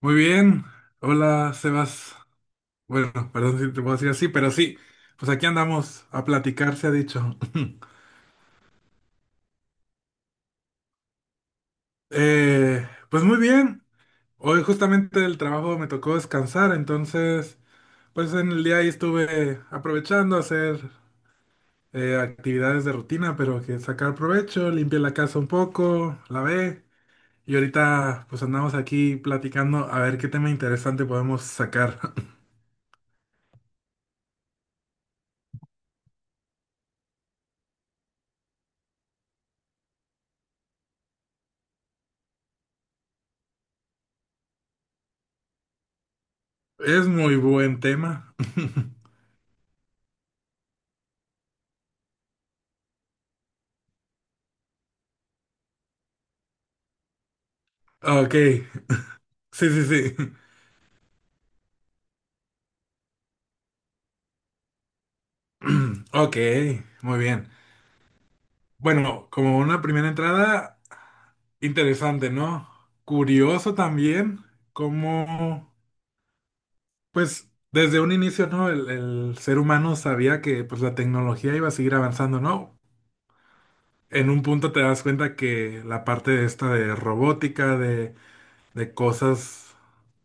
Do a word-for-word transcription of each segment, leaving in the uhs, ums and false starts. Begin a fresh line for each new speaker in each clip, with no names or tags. Muy bien, hola Sebas. Bueno, perdón si te puedo decir así, pero sí, pues aquí andamos a platicar, se ha dicho. Eh, pues muy bien, hoy justamente del trabajo me tocó descansar, entonces pues en el día ahí estuve aprovechando a hacer eh, actividades de rutina, pero que sacar provecho, limpié la casa un poco, lavé y ahorita pues andamos aquí platicando a ver qué tema interesante podemos sacar. Es muy buen tema. Ok, sí, sí, sí. Ok, muy bien. Bueno, como una primera entrada, interesante, ¿no? Curioso también cómo, pues, desde un inicio, ¿no? El, el ser humano sabía que, pues, la tecnología iba a seguir avanzando, ¿no? En un punto te das cuenta que la parte de esta de robótica, de, de cosas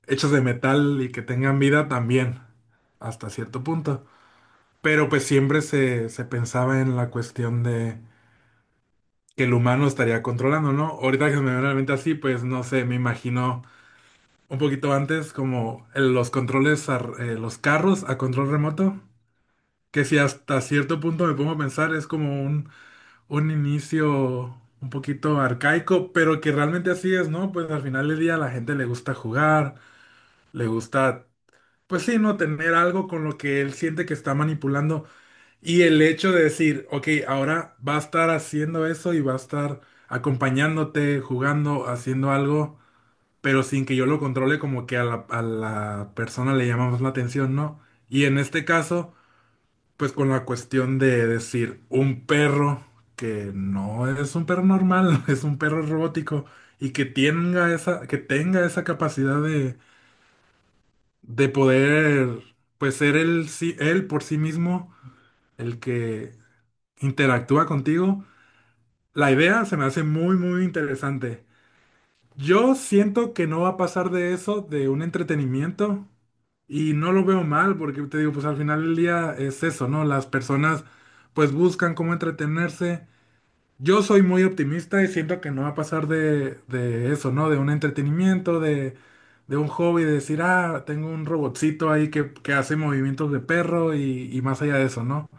hechas de metal y que tengan vida también, hasta cierto punto. Pero pues siempre se, se pensaba en la cuestión de que el humano estaría controlando, ¿no? Ahorita que se me viene a la mente así, pues no sé, me imagino un poquito antes como el- los controles, a r- eh, los carros a control remoto, que si hasta cierto punto me pongo a pensar es como un, un inicio un poquito arcaico, pero que realmente así es, ¿no? Pues al final del día a la gente le gusta jugar, le gusta, pues sí, ¿no? Tener algo con lo que él siente que está manipulando. Y el hecho de decir, ok, ahora va a estar haciendo eso y va a estar acompañándote, jugando, haciendo algo, pero sin que yo lo controle, como que a la, a la persona le llama más la atención, ¿no? Y en este caso, pues con la cuestión de decir, un perro que no es un perro normal, es un perro robótico y que tenga esa, que tenga esa capacidad de, de poder, pues ser él, sí- él por sí mismo, el que interactúa contigo. La idea se me hace muy, muy interesante. Yo siento que no va a pasar de eso, de un entretenimiento, y no lo veo mal, porque te digo, pues al final del día es eso, ¿no? Las personas pues buscan cómo entretenerse. Yo soy muy optimista y siento que no va a pasar de, de eso, ¿no? De un entretenimiento, de, de un hobby, de decir, ah, tengo un robotcito ahí que, que hace movimientos de perro y, y más allá de eso, ¿no?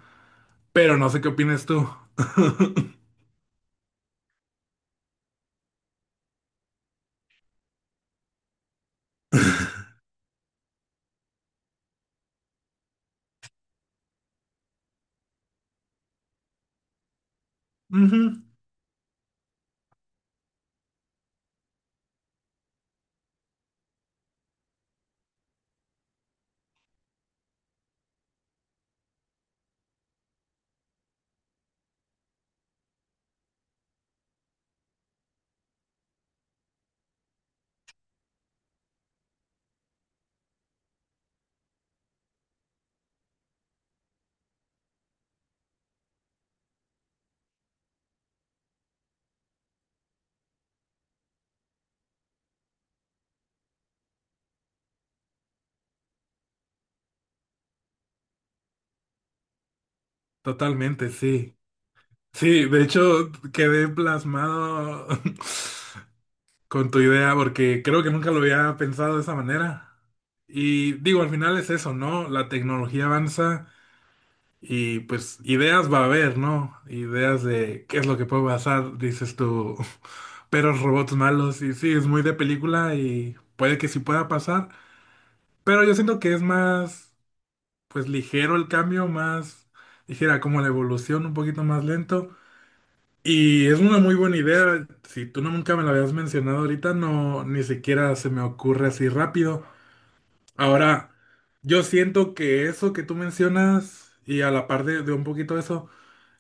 Pero no sé qué opinas tú. Ujú, totalmente, sí. Sí, de hecho quedé plasmado con tu idea porque creo que nunca lo había pensado de esa manera. Y digo, al final es eso, ¿no? La tecnología avanza y pues ideas va a haber, ¿no? Ideas de qué es lo que puede pasar, dices tú, perros, robots malos y sí, es muy de película y puede que sí pueda pasar, pero yo siento que es más, pues ligero el cambio, más, dijera, como la evolución un poquito más lento. Y es una muy buena idea. Si tú no nunca me la habías mencionado ahorita, no, ni siquiera se me ocurre así rápido. Ahora, yo siento que eso que tú mencionas, y a la par de, de un poquito eso,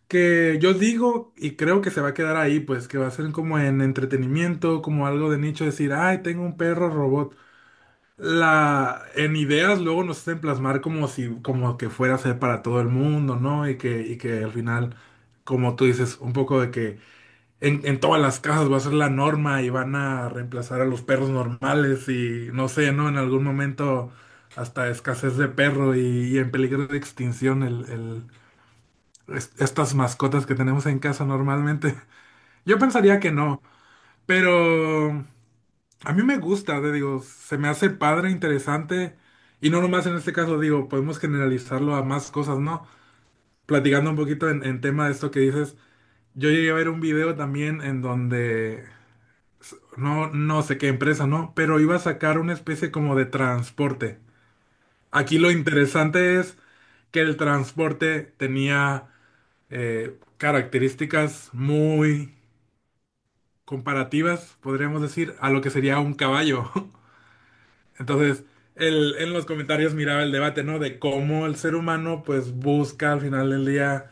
que yo digo y creo que se va a quedar ahí, pues que va a ser como en entretenimiento, como algo de nicho, decir, ay, tengo un perro robot. La, en ideas luego nos hacen plasmar como si, como que fuera a ser para todo el mundo, ¿no? Y que, y que al final, como tú dices, un poco de que en, en todas las casas va a ser la norma y van a reemplazar a los perros normales y no sé, ¿no? En algún momento hasta escasez de perro y, y en peligro de extinción el, el- es- estas mascotas que tenemos en casa normalmente. Yo pensaría que no, pero a mí me gusta, te digo, se me hace padre, interesante y no nomás en este caso, digo, podemos generalizarlo a más cosas, ¿no? Platicando un poquito en, en tema de esto que dices, yo llegué a ver un video también en donde... No, no sé qué empresa, ¿no? Pero iba a sacar una especie como de transporte. Aquí lo interesante es que el transporte tenía eh, características muy comparativas, podríamos decir, a lo que sería un caballo. Entonces, el- en los comentarios miraba el debate, ¿no? De cómo el ser humano pues busca al final del día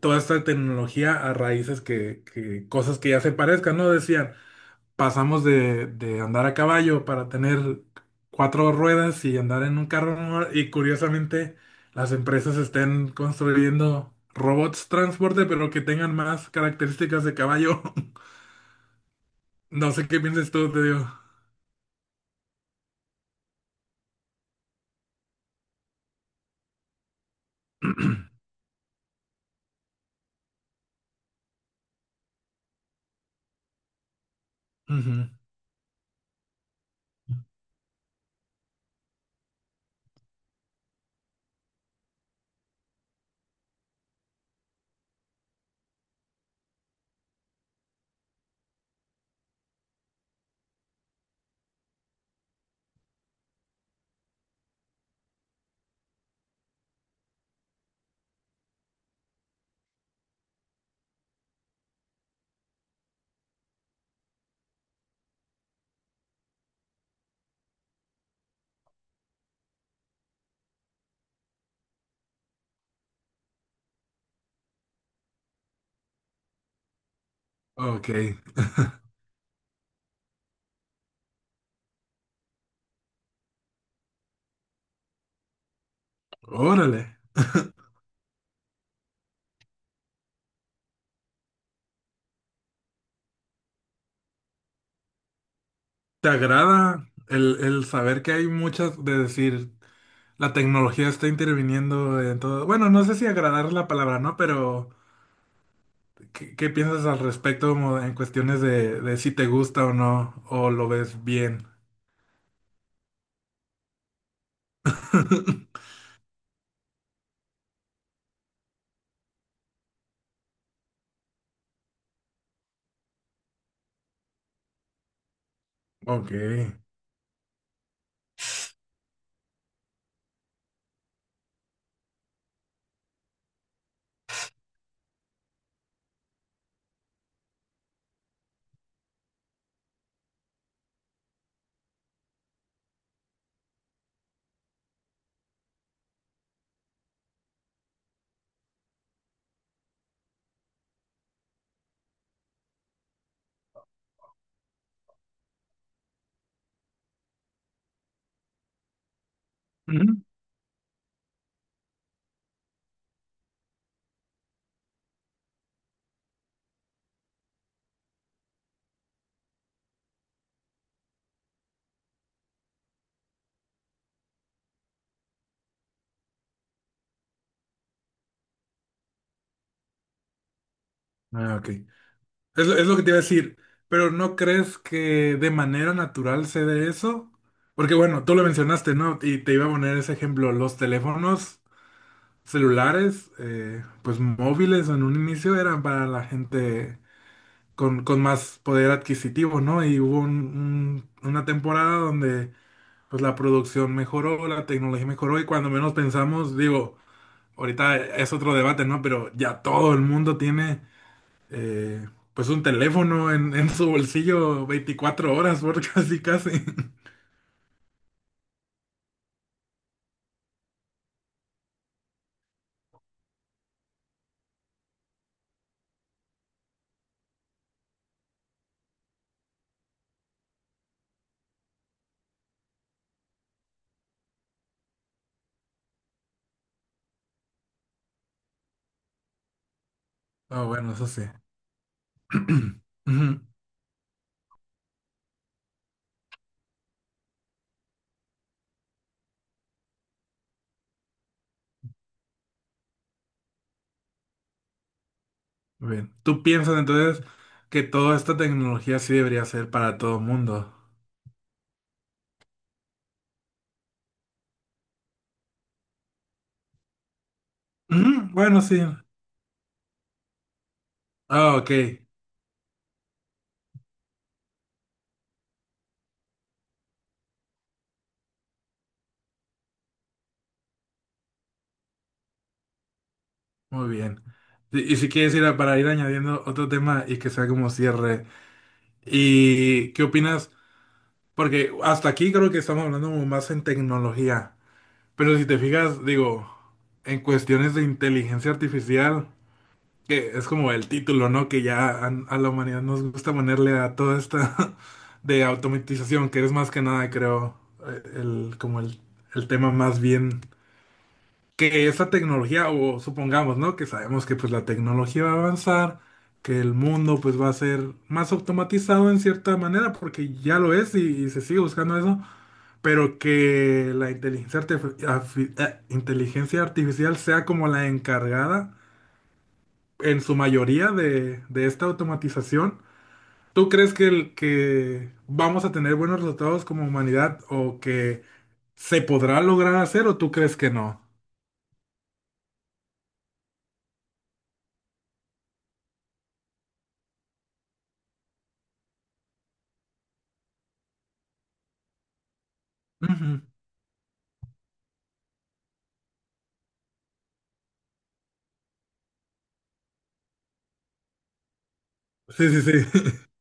toda esta tecnología a raíces que, que, cosas que ya se parezcan, ¿no? Decían, pasamos de, de andar a caballo para tener cuatro ruedas y andar en un carro normal, y curiosamente las empresas estén construyendo robots transporte pero que tengan más características de caballo. No sé qué piensas tú, te digo. Ujú. Ok, órale. ¿Te agrada el, el saber que hay muchas de decir la tecnología está interviniendo en todo? Bueno, no sé si agradar es la palabra, ¿no? Pero ¿Qué, qué piensas al respecto como en cuestiones de, de si te gusta o no, o lo ves bien? Ok. Ujú. Ah, ok. Es, lo- es lo que te iba a decir, pero ¿no crees que de manera natural se dé eso? Porque bueno, tú lo mencionaste, ¿no? Y te iba a poner ese ejemplo, los teléfonos celulares, eh, pues móviles en un inicio eran para la gente con, con más poder adquisitivo, ¿no? Y hubo un- un- una temporada donde pues la producción mejoró, la tecnología mejoró y cuando menos pensamos, digo, ahorita es otro debate, ¿no? Pero ya todo el mundo tiene eh, pues un teléfono en, en su bolsillo veinticuatro horas, por casi casi. Ah, bueno, eso sí. Ujú. Bien, ¿tú piensas entonces que toda esta tecnología sí debería ser para todo el mundo? Ujú, bueno, sí. Ah, ok, muy bien. Y y si quieres ir a- para ir añadiendo otro tema y que sea como cierre. ¿Y qué opinas? Porque hasta aquí creo que estamos hablando como más en tecnología. Pero si te fijas, digo, en cuestiones de inteligencia artificial, que es como el título, ¿no? Que ya a, a la humanidad nos gusta ponerle a toda esta de automatización, que es más que nada, creo, eh, el, como el, el tema más bien que esa tecnología, o supongamos, ¿no? Que sabemos que pues la tecnología va a avanzar, que el mundo pues va a ser más automatizado en cierta manera, porque ya lo es y y se sigue buscando eso, pero que la inteligencia, artif- arfi- eh, inteligencia artificial sea como la encargada en su mayoría de, de esta automatización. ¿Tú crees que, el- que vamos a tener buenos resultados como humanidad o que se podrá lograr hacer o tú crees que no? Ujú. Sí, sí, sí.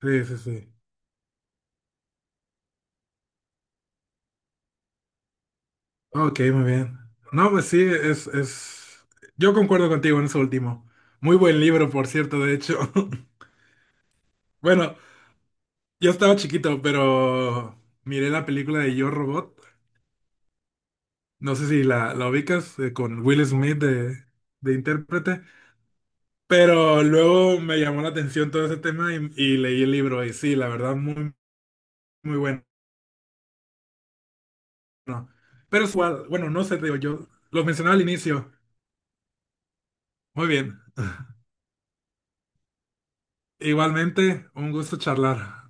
Sí, sí, sí. Ok, muy bien. No, pues sí. es, es... Yo concuerdo contigo en eso último. Muy buen libro, por cierto, de hecho. Bueno, yo estaba chiquito, pero miré la película de Yo Robot. No sé si la, la, ubicas eh, con Will Smith de, de intérprete, pero luego me llamó la atención todo ese tema y, y leí el libro y sí, la verdad, muy, muy bueno. Pero es igual, bueno, no sé, te digo, yo lo mencionaba al inicio. Muy bien. Igualmente, un gusto charlar.